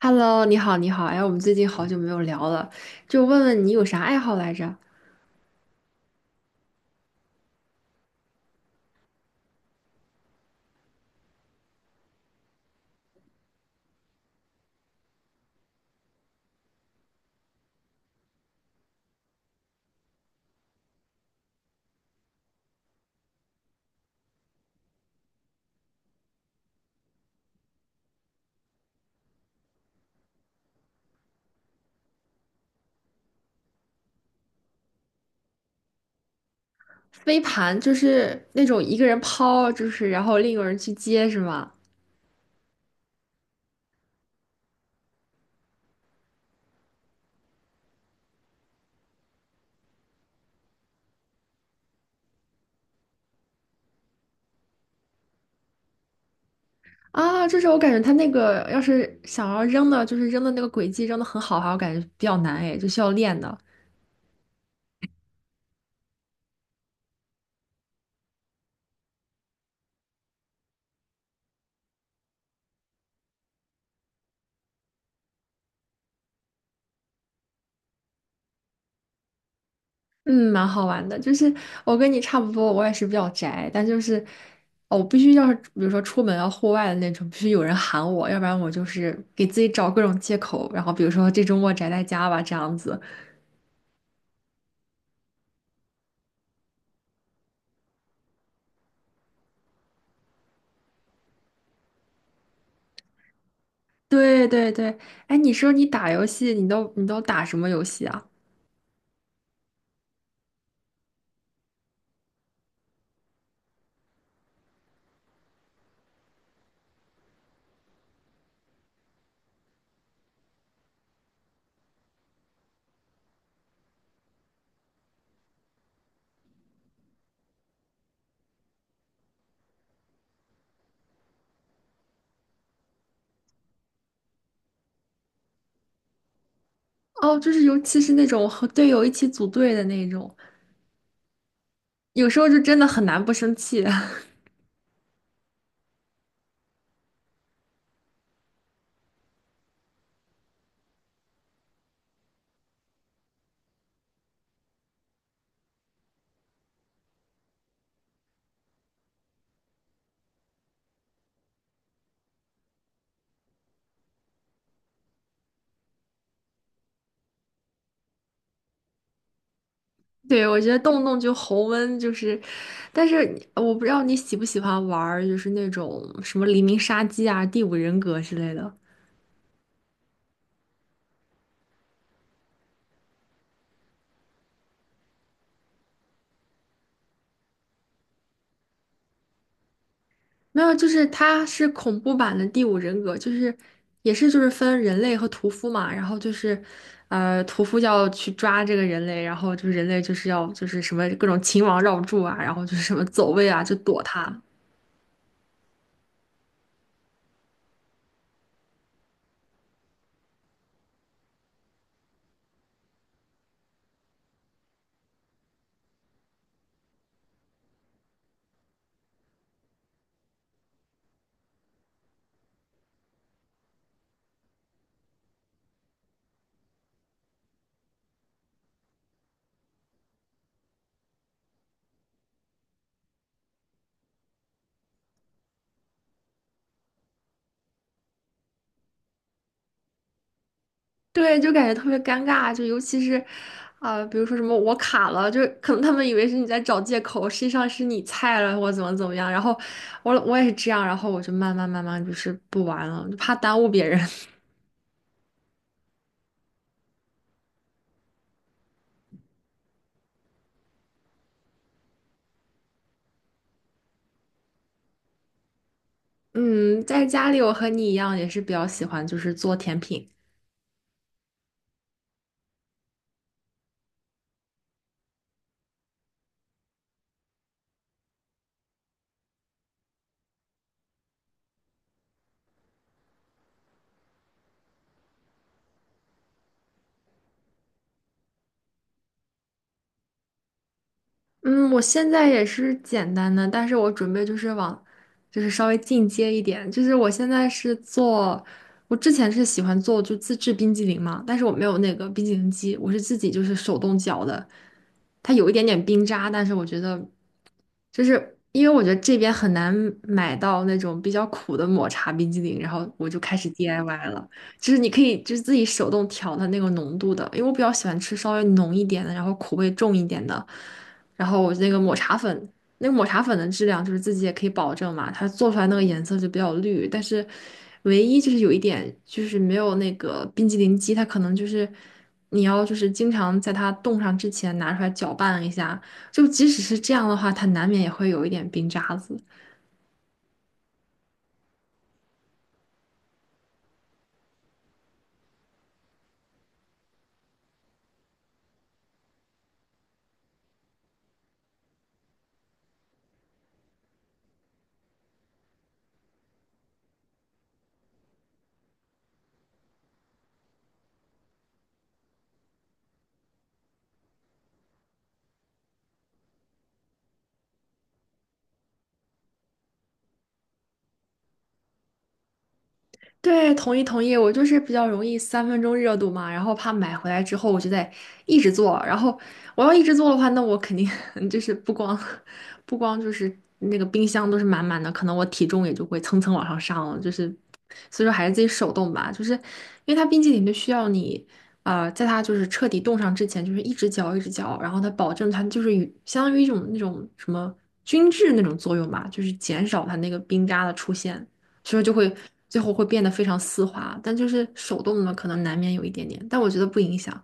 Hello，你好，你好，哎，我们最近好久没有聊了，就问问你有啥爱好来着？飞盘就是那种一个人抛，就是然后另一个人去接，是吗？啊，就是我感觉他那个要是想要扔的，就是扔的那个轨迹扔的很好哈，我感觉比较难哎，就需要练的。嗯，蛮好玩的，就是我跟你差不多，我也是比较宅，但就是哦，我必须要是比如说出门要户外的那种，必须有人喊我，要不然我就是给自己找各种借口，然后比如说这周末宅在家吧，这样子。对对对，哎，你说你打游戏，你都打什么游戏啊？哦，就是尤其是那种和队友一起组队的那种，有时候就真的很难不生气。对，我觉得动不动就红温，就是，但是你我不知道你喜不喜欢玩儿就是那种什么《黎明杀机》啊、《第五人格》之类的。没有，就是它是恐怖版的第五人格，就是也是就是分人类和屠夫嘛，然后就是，屠夫要去抓这个人类，然后就是人类就是要就是什么各种秦王绕柱啊，然后就是什么走位啊，就躲他，对，就感觉特别尴尬，就尤其是，啊、比如说什么我卡了，就是可能他们以为是你在找借口，实际上是你菜了或怎么怎么样，然后我也是这样，然后我就慢慢慢慢就是不玩了，就怕耽误别人。嗯，在家里我和你一样，也是比较喜欢就是做甜品。嗯，我现在也是简单的，但是我准备就是往，就是稍微进阶一点。就是我现在是做，我之前是喜欢做就自制冰激凌嘛，但是我没有那个冰激凌机，我是自己就是手动搅的。它有一点点冰渣，但是我觉得就是因为我觉得这边很难买到那种比较苦的抹茶冰激凌，然后我就开始 DIY 了。就是你可以就是自己手动调它那个浓度的，因为我比较喜欢吃稍微浓一点的，然后苦味重一点的。然后我那个抹茶粉，那个抹茶粉的质量就是自己也可以保证嘛，它做出来那个颜色就比较绿，但是唯一就是有一点就是没有那个冰激凌机，它可能就是你要就是经常在它冻上之前拿出来搅拌一下。就即使是这样的话，它难免也会有一点冰渣子。对，同意同意，我就是比较容易三分钟热度嘛，然后怕买回来之后我就得一直做，然后我要一直做的话，那我肯定 就是不光就是那个冰箱都是满满的，可能我体重也就会蹭蹭往上上了，就是所以说还是自己手动吧，就是因为它冰淇淋就需要你在它就是彻底冻上之前，就是一直嚼一直嚼，然后它保证它就是与相当于一种那种什么均质那种作用吧，就是减少它那个冰渣的出现。所以就会最后会变得非常丝滑，但就是手动的可能难免有一点点，但我觉得不影响。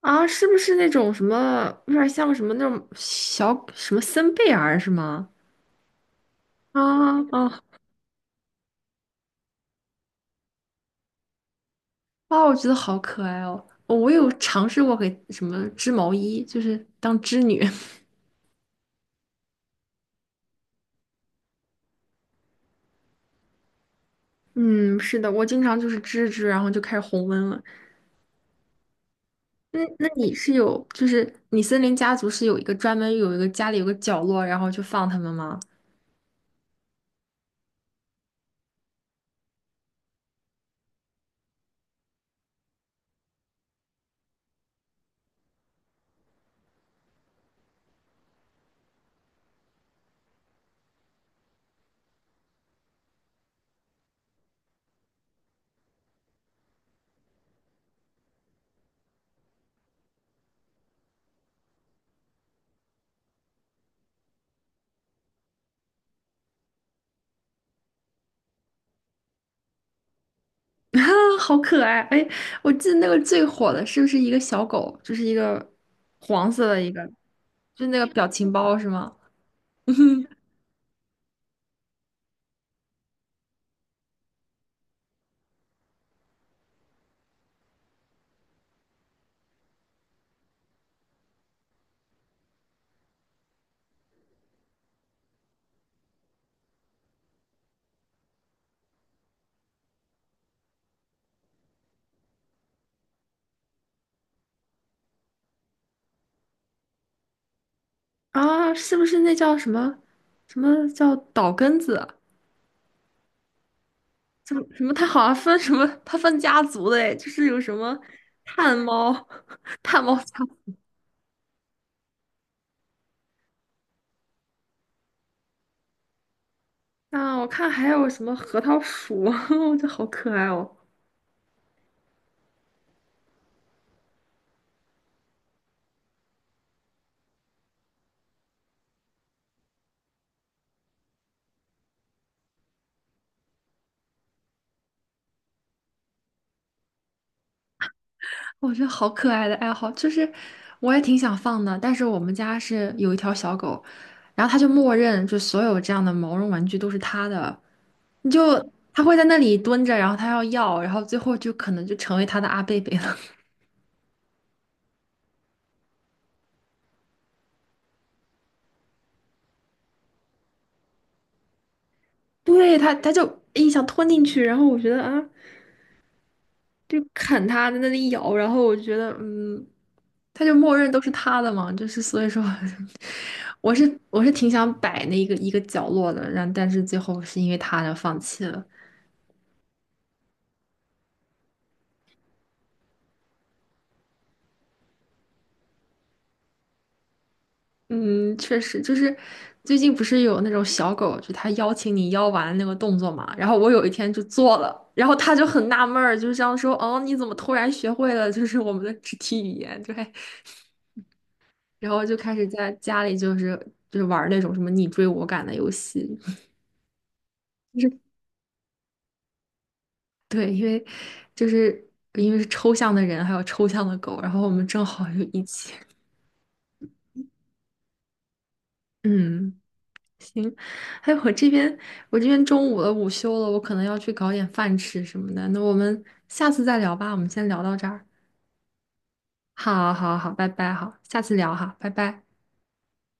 啊，是不是那种什么，有点像什么那种小什么森贝儿是吗？啊啊啊！我觉得好可爱哦。哦我有尝试过给什么织毛衣，就是当织女。嗯，是的，我经常就是织织，然后就开始红温了。那那你是有，就是你森林家族是有一个专门有一个家里有个角落，然后就放它们吗？啊，好可爱！哎，我记得那个最火的是不是一个小狗，就是一个黄色的一个，就那个表情包是吗？啊，是不是那叫什么什么叫岛根子？什么什么？它好像分什么？它分家族的哎，就是有什么炭猫、炭猫家族啊，我看还有什么核桃鼠，我觉得好可爱哦。我觉得好可爱的爱好，就是我也挺想放的，但是我们家是有一条小狗，然后它就默认就所有这样的毛绒玩具都是它的，你就它会在那里蹲着，然后它要要，然后最后就可能就成为它的阿贝贝了。对，它它就一想吞进去，然后我觉得啊，就啃它在那里咬，然后我觉得嗯，它就默认都是它的嘛，就是所以说 我是挺想摆那一个一个角落的，然后但是最后是因为它而放弃了。嗯，确实，就是最近不是有那种小狗，就它邀请你邀玩那个动作嘛，然后我有一天就做了，然后它就很纳闷儿，就是这样说，哦，你怎么突然学会了就是我们的肢体语言？对，然后就开始在家里就是玩儿那种什么你追我赶的游戏，就是对，因为就是因为是抽象的人，还有抽象的狗，然后我们正好就一起，嗯。行，哎，我这边中午了，午休了，我可能要去搞点饭吃什么的。那我们下次再聊吧，我们先聊到这儿。好，好，好，拜拜，好，下次聊哈，拜拜。